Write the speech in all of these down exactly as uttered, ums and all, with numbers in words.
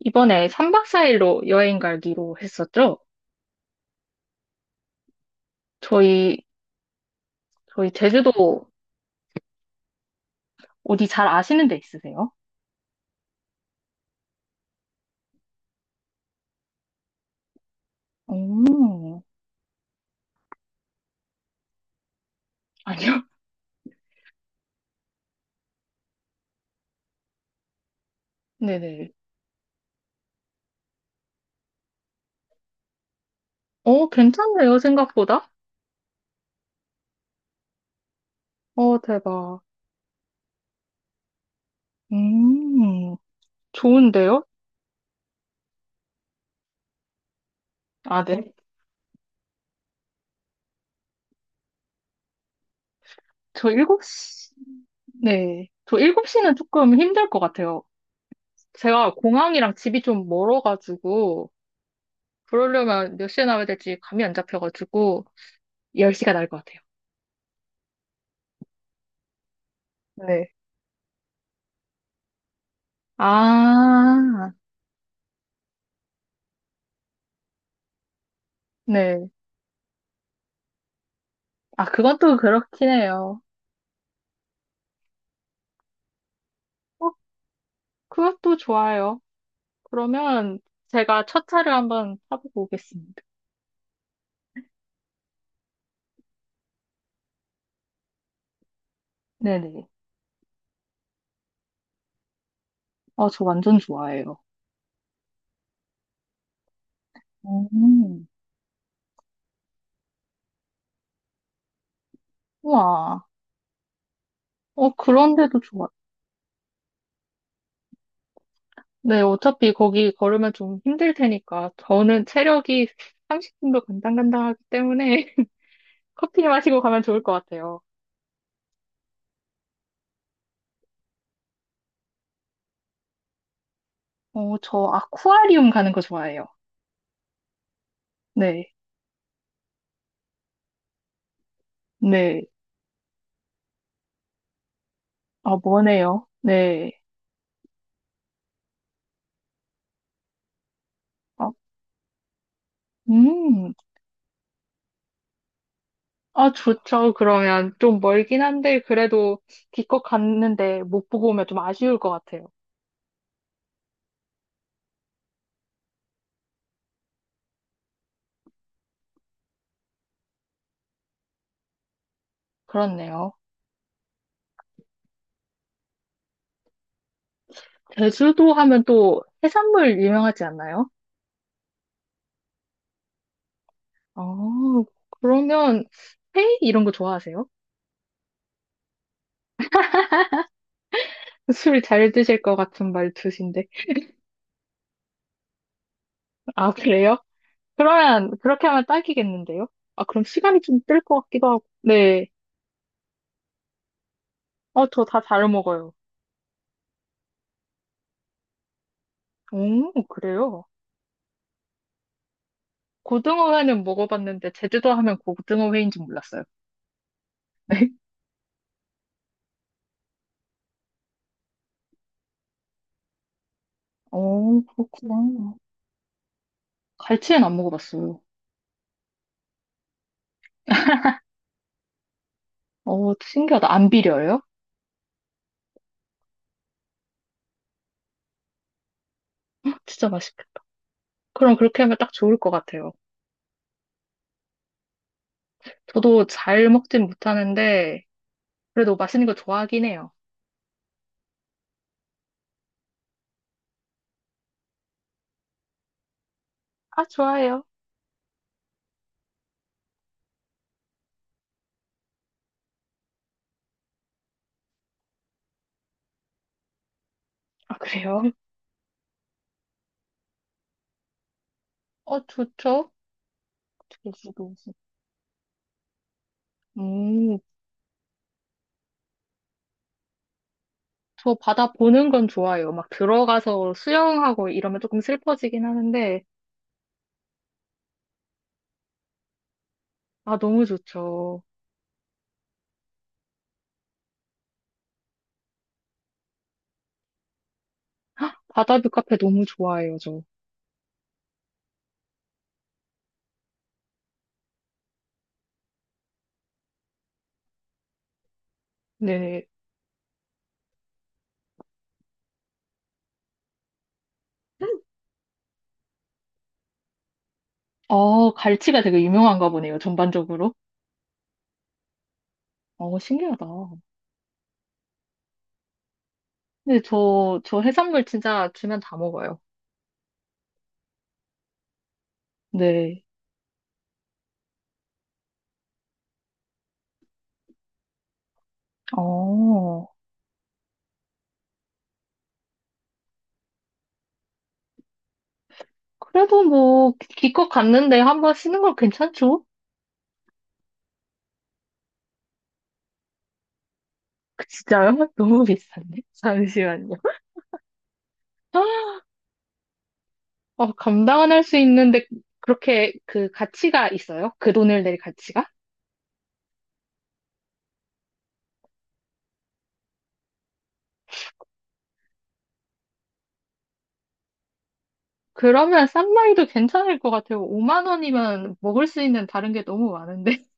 이번에 삼 박 사 일로 여행 가기로 했었죠? 저희, 저희 제주도 어디 잘 아시는 데 있으세요? 음, 아니요? 네네. 어, 괜찮네요, 생각보다? 어, 대박. 음, 좋은데요? 아, 네. 저 일곱 시, 네. 저 일곱 시는 조금 힘들 것 같아요. 제가 공항이랑 집이 좀 멀어가지고, 그러려면 몇 시에 나와야 될지 감이 안 잡혀가지고, 열 시가 나을 것 같아요. 네. 아, 네. 아, 그건 또 그렇긴 해요. 어, 그것도 좋아요. 그러면 제가 첫 차를 한번 타보고 오겠습니다. 네네. 아, 저 완전 좋아해요. 음, 우와. 어, 그런데도 좋아. 네, 어차피 거기 걸으면 좀 힘들 테니까. 저는 체력이 삼십 분도 간당간당하기 때문에 커피 마시고 가면 좋을 것 같아요. 어, 저 아쿠아리움 가는 거 좋아해요. 네. 네. 아, 뭐네요. 네. 아, 음. 아, 좋죠. 그러면 좀 멀긴 한데, 그래도 기껏 갔는데 못 보고 오면 좀 아쉬울 것 같아요. 그렇네요. 제주도 하면 또 해산물 유명하지 않나요? 어, 그러면 회이 이런 거 좋아하세요? 술 잘 드실 것 같은 말투신데. 아, 그래요? 그러면 그렇게 하면 딱이겠는데요? 아, 그럼 시간이 좀 뜰 것 같기도 하고. 네. 어, 저 다 잘 먹어요. 오, 그래요? 고등어 회는 먹어봤는데 제주도 하면 고등어 회인 줄 몰랐어요. 어, 그렇구나. 갈치는 안 먹어봤어요. 어, 신기하다. 안 비려요? 진짜 맛있겠다. 그럼 그렇게 하면 딱 좋을 것 같아요. 저도 잘 먹진 못하는데, 그래도 맛있는 거 좋아하긴 해요. 아, 좋아요. 아, 그래요? 어, 좋죠? 돼지 음, 저 바다 보는 건 좋아요. 막 들어가서 수영하고 이러면 조금 슬퍼지긴 하는데, 아, 너무 좋죠. 바다뷰 카페 너무 좋아해요, 저. 네. 아 갈치가 되게 유명한가 보네요, 전반적으로. 어, 신기하다. 근데 저, 저 해산물 진짜 주면 다 먹어요. 네. 어, 그래도 뭐, 기- 기껏 갔는데 한 번 쉬는 건 괜찮죠? 그 진짜요? 너무 비싼데? 잠시만요. 어, 감당은 할 수 있는데, 그렇게 그 가치가 있어요? 그 돈을 낼 가치가? 그러면 싼 마이도 괜찮을 것 같아요. 오만 원이면 먹을 수 있는 다른 게 너무 많은데.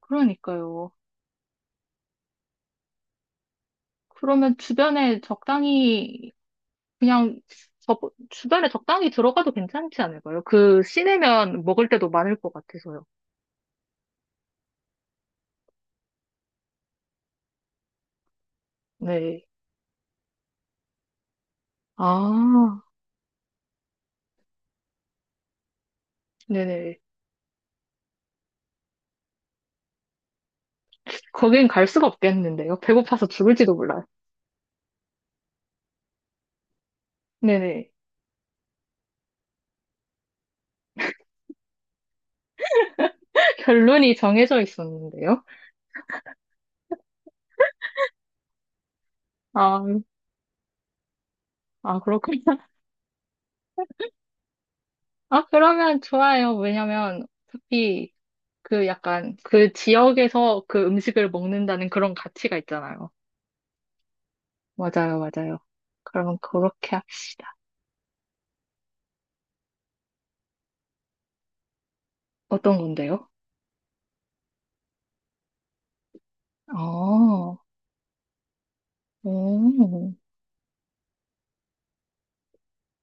그러니까요. 그러면 주변에 적당히 그냥 저, 주변에 적당히 들어가도 괜찮지 않을까요? 그 시내면 먹을 때도 많을 것 같아서요. 네. 아, 네네. 거긴 갈 수가 없겠는데요. 배고파서 죽을지도 몰라요. 네네. 결론이 정해져 있었는데요. 아, 아, 그렇군요. 아, 그러면 좋아요. 왜냐면 어차피 그 약간 그 지역에서 그 음식을 먹는다는 그런 가치가 있잖아요. 맞아요, 맞아요. 그러면 그렇게 하- 어떤 건데요? 아, 오.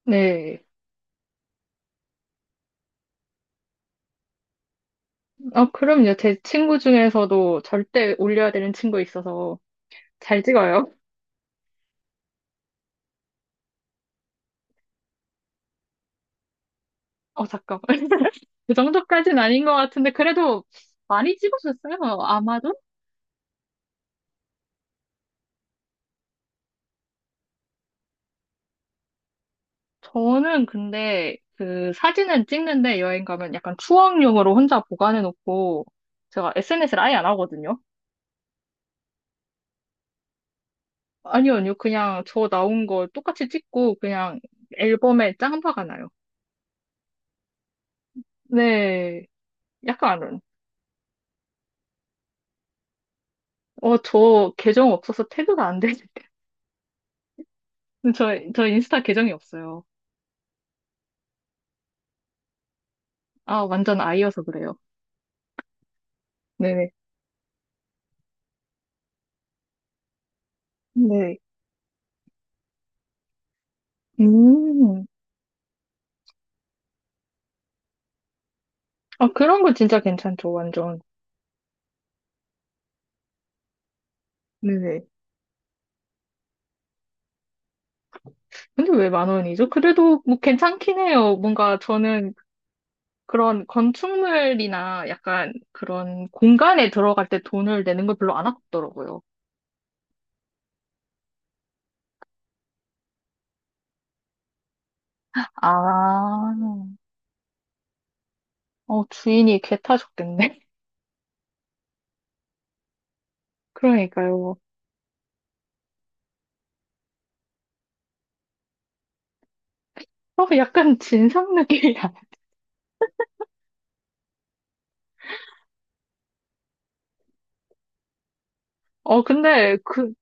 네. 어 그럼요. 제 친구 중에서도 절대 올려야 되는 친구 있어서 잘 찍어요. 어, 잠깐만. 그 정도까지는 아닌 것 같은데, 그래도 많이 찍으셨어요. 아마도? 저는 근데 그 사진은 찍는데 여행 가면 약간 추억용으로 혼자 보관해놓고 제가 에스엔에스를 아예 안 하거든요. 아니요, 아니요. 그냥 저 나온 거 똑같이 찍고 그냥 앨범에 짱박가나요. 네. 약간은. 어, 저 계정 없어서 태그가 안 돼. 저, 저 인스타 계정이 없어요. 아, 완전 아이여서 그래요. 네네. 네. 음. 아, 그런 거 진짜 괜찮죠, 완전. 네네. 근데 왜 만 원이죠? 그래도 뭐 괜찮긴 해요. 뭔가 저는 그런 건축물이나 약간 그런 공간에 들어갈 때 돈을 내는 걸 별로 안 아깝더라고요. 아, 어, 주인이 개 타셨겠네. 그러니까요. 어, 약간 진상 느낌이야. 어, 근데 그,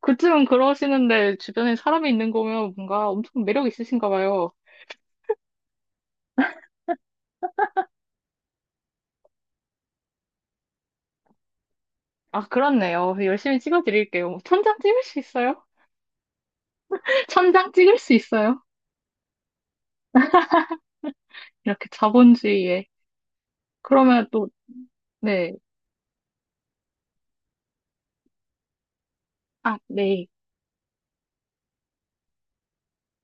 그쯤은 그러시는데 주변에 사람이 있는 거면 뭔가 엄청 매력 있으신가 봐요. 아, 그렇네요. 열심히 찍어드릴게요. 천장 찍을 수 있어요? 천장 찍을 수 있어요? 이렇게 자본주의에. 그러면 또, 네. 아, 네.